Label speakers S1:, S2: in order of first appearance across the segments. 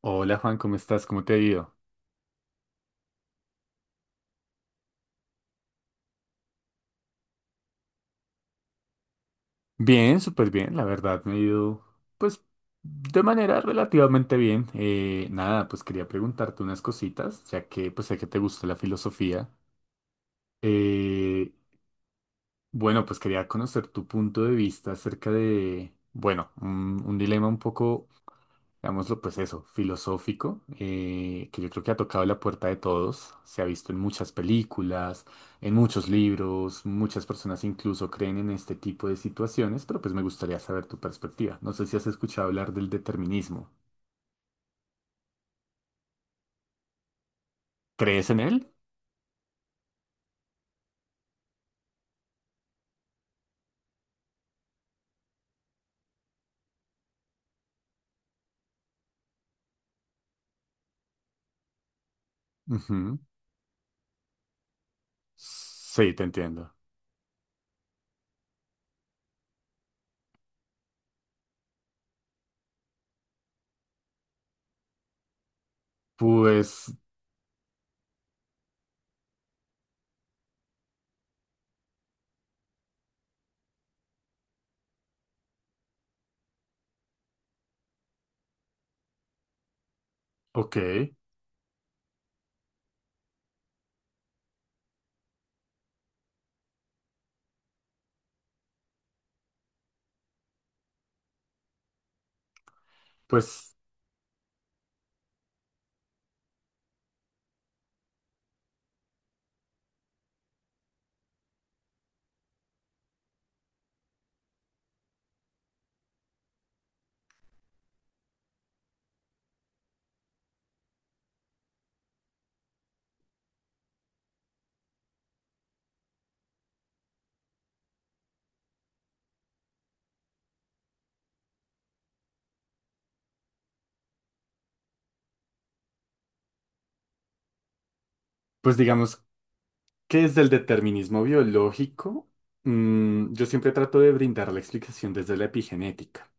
S1: Hola Juan, ¿cómo estás? ¿Cómo te ha ido? Bien, súper bien, la verdad me ha ido pues de manera relativamente bien. Nada, pues quería preguntarte unas cositas, ya que pues sé que te gusta la filosofía. Eh, bueno, pues quería conocer tu punto de vista acerca de, bueno, un dilema un poco, digámoslo, pues eso, filosófico, que yo creo que ha tocado la puerta de todos. Se ha visto en muchas películas, en muchos libros, muchas personas incluso creen en este tipo de situaciones, pero pues me gustaría saber tu perspectiva. No sé si has escuchado hablar del determinismo. ¿Crees en él? Ujú. Sí, te entiendo. Pues, ok. Pues, pues digamos, ¿qué es el determinismo biológico? Yo siempre trato de brindar la explicación desde la epigenética.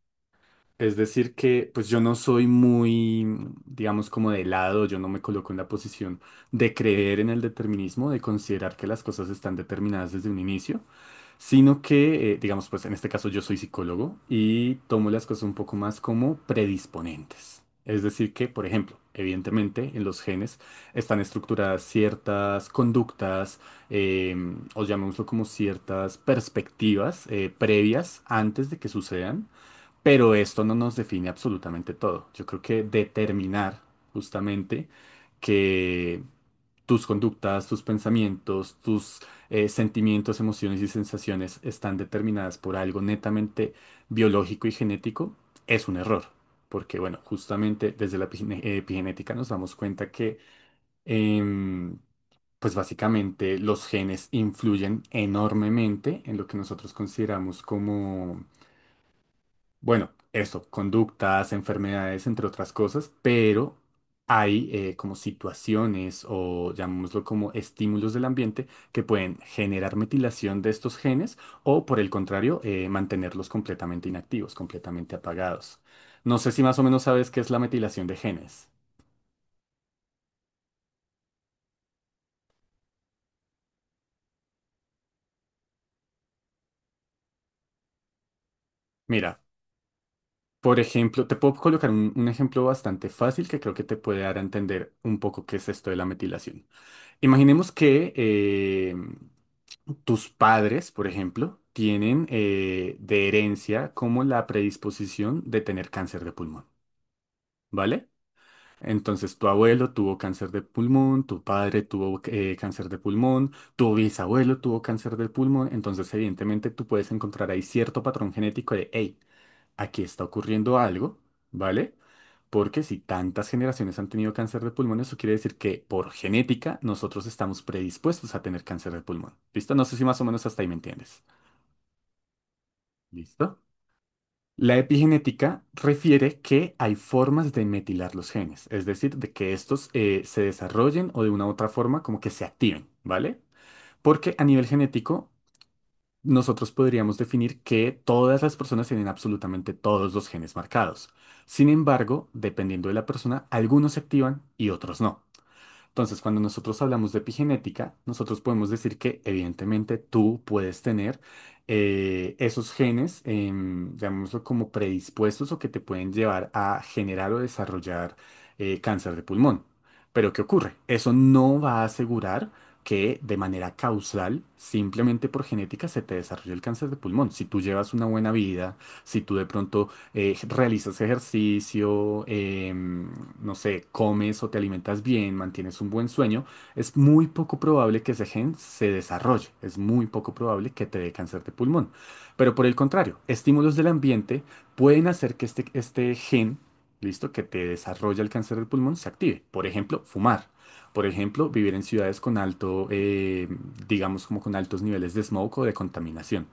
S1: Es decir que pues yo no soy muy, digamos, como de lado, yo no me coloco en la posición de creer en el determinismo, de considerar que las cosas están determinadas desde un inicio, sino que, digamos, pues en este caso yo soy psicólogo y tomo las cosas un poco más como predisponentes. Es decir que, por ejemplo, evidentemente en los genes están estructuradas ciertas conductas, eh, o llamémoslo como ciertas perspectivas previas antes de que sucedan. Pero esto no nos define absolutamente todo. Yo creo que determinar justamente que tus conductas, tus pensamientos, tus sentimientos, emociones y sensaciones están determinadas por algo netamente biológico y genético es un error. Porque, bueno, justamente desde la epigenética nos damos cuenta que, em, pues básicamente los genes influyen enormemente en lo que nosotros consideramos, bueno, eso, conductas, enfermedades, entre otras cosas, pero hay, como situaciones o llamémoslo como estímulos del ambiente que pueden generar metilación de estos genes o por el contrario, mantenerlos completamente inactivos, completamente apagados. No sé si más o menos sabes qué es la metilación de genes. Mira, por ejemplo, te puedo colocar un ejemplo bastante fácil que creo que te puede dar a entender un poco qué es esto de la metilación. Imaginemos que tus padres, por ejemplo, tienen, de herencia, como la predisposición de tener cáncer de pulmón, ¿vale? Entonces tu abuelo tuvo cáncer de pulmón, tu padre tuvo, cáncer de pulmón, tu bisabuelo tuvo cáncer de pulmón, entonces evidentemente tú puedes encontrar ahí cierto patrón genético de, hey, aquí está ocurriendo algo, ¿vale? Porque si tantas generaciones han tenido cáncer de pulmón, eso quiere decir que por genética nosotros estamos predispuestos a tener cáncer de pulmón. ¿Listo? No sé si más o menos hasta ahí me entiendes. ¿Listo? La epigenética refiere que hay formas de metilar los genes, es decir, de que estos, se desarrollen o de una u otra forma como que se activen, ¿vale? Porque a nivel genético nosotros podríamos definir que todas las personas tienen absolutamente todos los genes marcados. Sin embargo, dependiendo de la persona, algunos se activan y otros no. Entonces, cuando nosotros hablamos de epigenética, nosotros podemos decir que evidentemente tú puedes tener, esos genes, llamémoslo como predispuestos o que te pueden llevar a generar o desarrollar, cáncer de pulmón. Pero ¿qué ocurre? Eso no va a asegurar que de manera causal, simplemente por genética, se te desarrolle el cáncer de pulmón. Si tú llevas una buena vida, si tú de pronto, realizas ejercicio, no sé, comes o te alimentas bien, mantienes un buen sueño, es muy poco probable que ese gen se desarrolle, es muy poco probable que te dé cáncer de pulmón. Pero por el contrario, estímulos del ambiente pueden hacer que este gen, listo, que te desarrolla el cáncer del pulmón, se active. Por ejemplo, fumar. Por ejemplo, vivir en ciudades con alto, digamos, como con altos niveles de smog o de contaminación.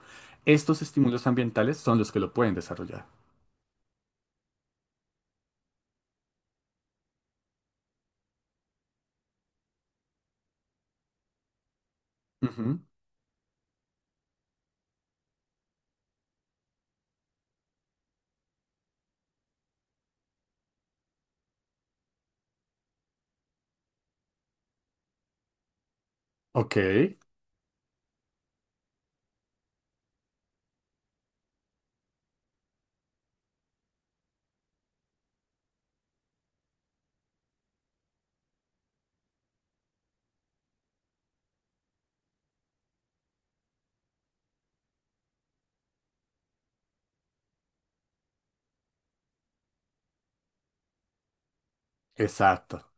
S1: Estos estímulos ambientales son los que lo pueden desarrollar. Ujú. Ok, exacto.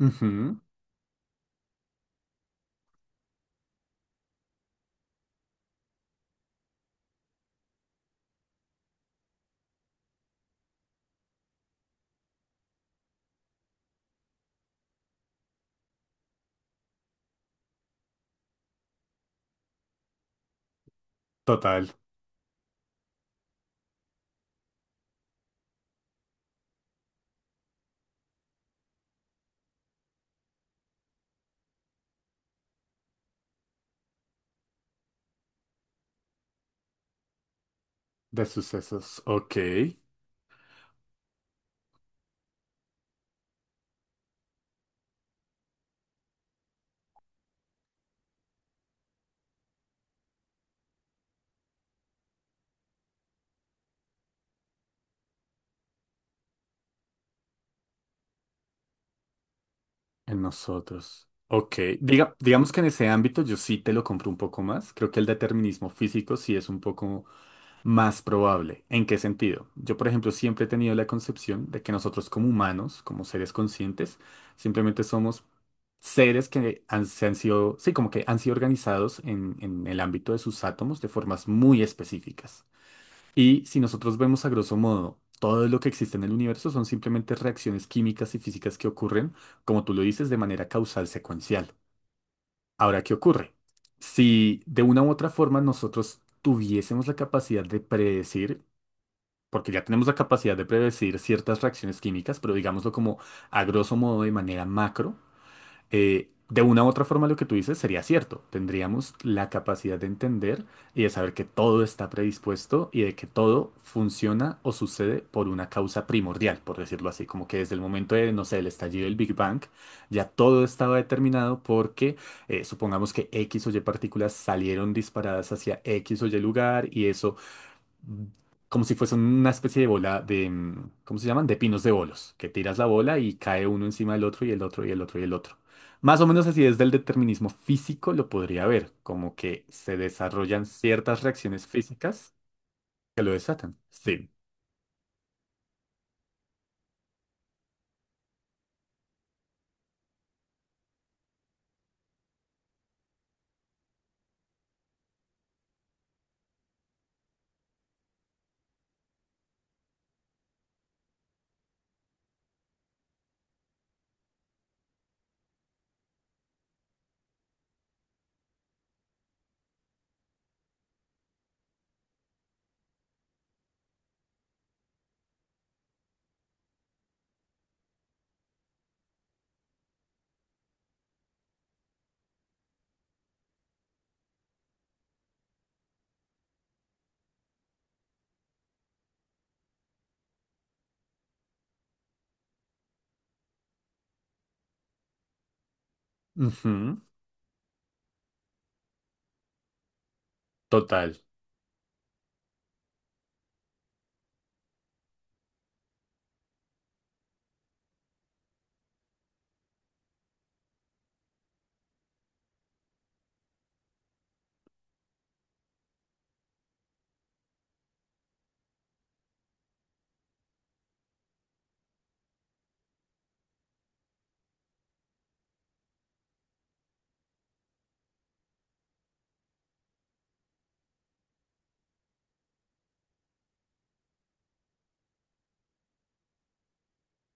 S1: Ujú. Total de sucesos. Ok, en nosotros. Ok, diga, digamos que en ese ámbito yo sí te lo compro un poco más. Creo que el determinismo físico sí es un poco más probable. ¿En qué sentido? Yo, por ejemplo, siempre he tenido la concepción de que nosotros como humanos, como seres conscientes, simplemente somos seres que han, se han sido, sí, como que han sido organizados en el ámbito de sus átomos de formas muy específicas. Y si nosotros vemos a grosso modo, todo lo que existe en el universo son simplemente reacciones químicas y físicas que ocurren, como tú lo dices, de manera causal secuencial. Ahora, ¿qué ocurre? Si de una u otra forma nosotros tuviésemos la capacidad de predecir, porque ya tenemos la capacidad de predecir ciertas reacciones químicas, pero digámoslo como a grosso modo de manera macro, de una u otra forma lo que tú dices sería cierto. Tendríamos la capacidad de entender y de saber que todo está predispuesto y de que todo funciona o sucede por una causa primordial, por decirlo así, como que desde el momento de, no sé, el estallido del Big Bang, ya todo estaba determinado porque, supongamos que X o Y partículas salieron disparadas hacia X o Y lugar y eso como si fuese una especie de bola de, ¿cómo se llaman? De pinos de bolos, que tiras la bola y cae uno encima del otro y el otro y el otro y el otro. Más o menos así desde el determinismo físico lo podría ver, como que se desarrollan ciertas reacciones físicas que lo desatan. Sí. Ujú. Total,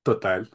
S1: total.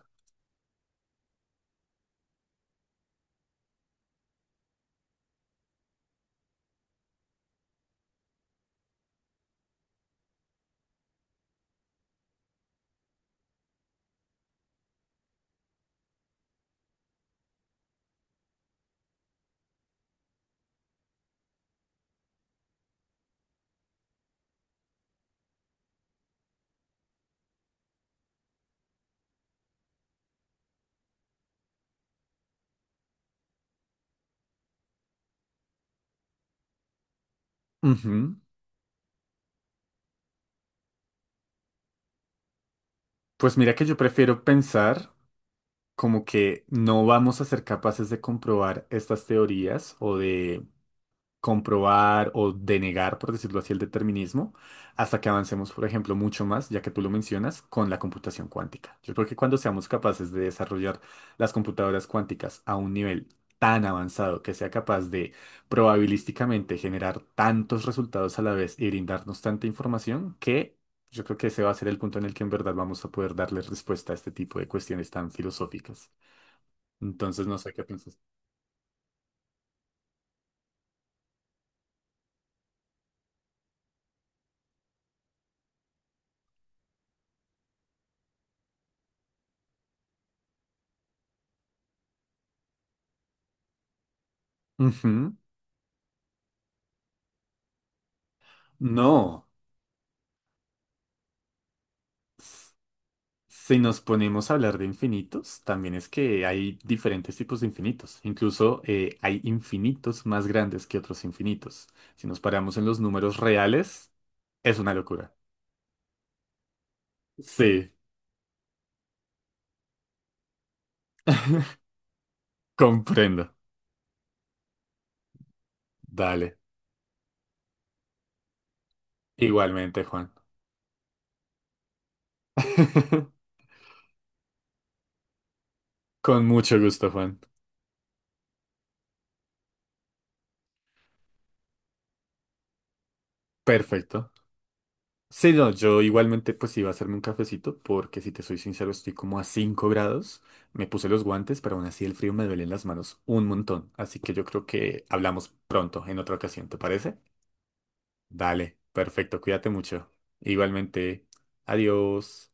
S1: Ujú. Pues mira que yo prefiero pensar como que no vamos a ser capaces de comprobar estas teorías o de comprobar o denegar, por decirlo así, el determinismo, hasta que avancemos, por ejemplo, mucho más, ya que tú lo mencionas, con la computación cuántica. Yo creo que cuando seamos capaces de desarrollar las computadoras cuánticas a un nivel tan avanzado que sea capaz de probabilísticamente generar tantos resultados a la vez y brindarnos tanta información que yo creo que ese va a ser el punto en el que en verdad vamos a poder darle respuesta a este tipo de cuestiones tan filosóficas. Entonces, no sé qué piensas. Ujú. No. Si nos ponemos a hablar de infinitos, también es que hay diferentes tipos de infinitos. Incluso, hay infinitos más grandes que otros infinitos. Si nos paramos en los números reales, es una locura. Sí, comprendo. Dale. Igualmente, Juan. Con mucho gusto, Juan. Perfecto. Sí, no, yo igualmente pues iba a hacerme un cafecito porque si te soy sincero estoy como a 5 grados, me puse los guantes, pero aún así el frío me duele en las manos un montón, así que yo creo que hablamos pronto en otra ocasión, ¿te parece? Dale, perfecto, cuídate mucho. Igualmente, adiós.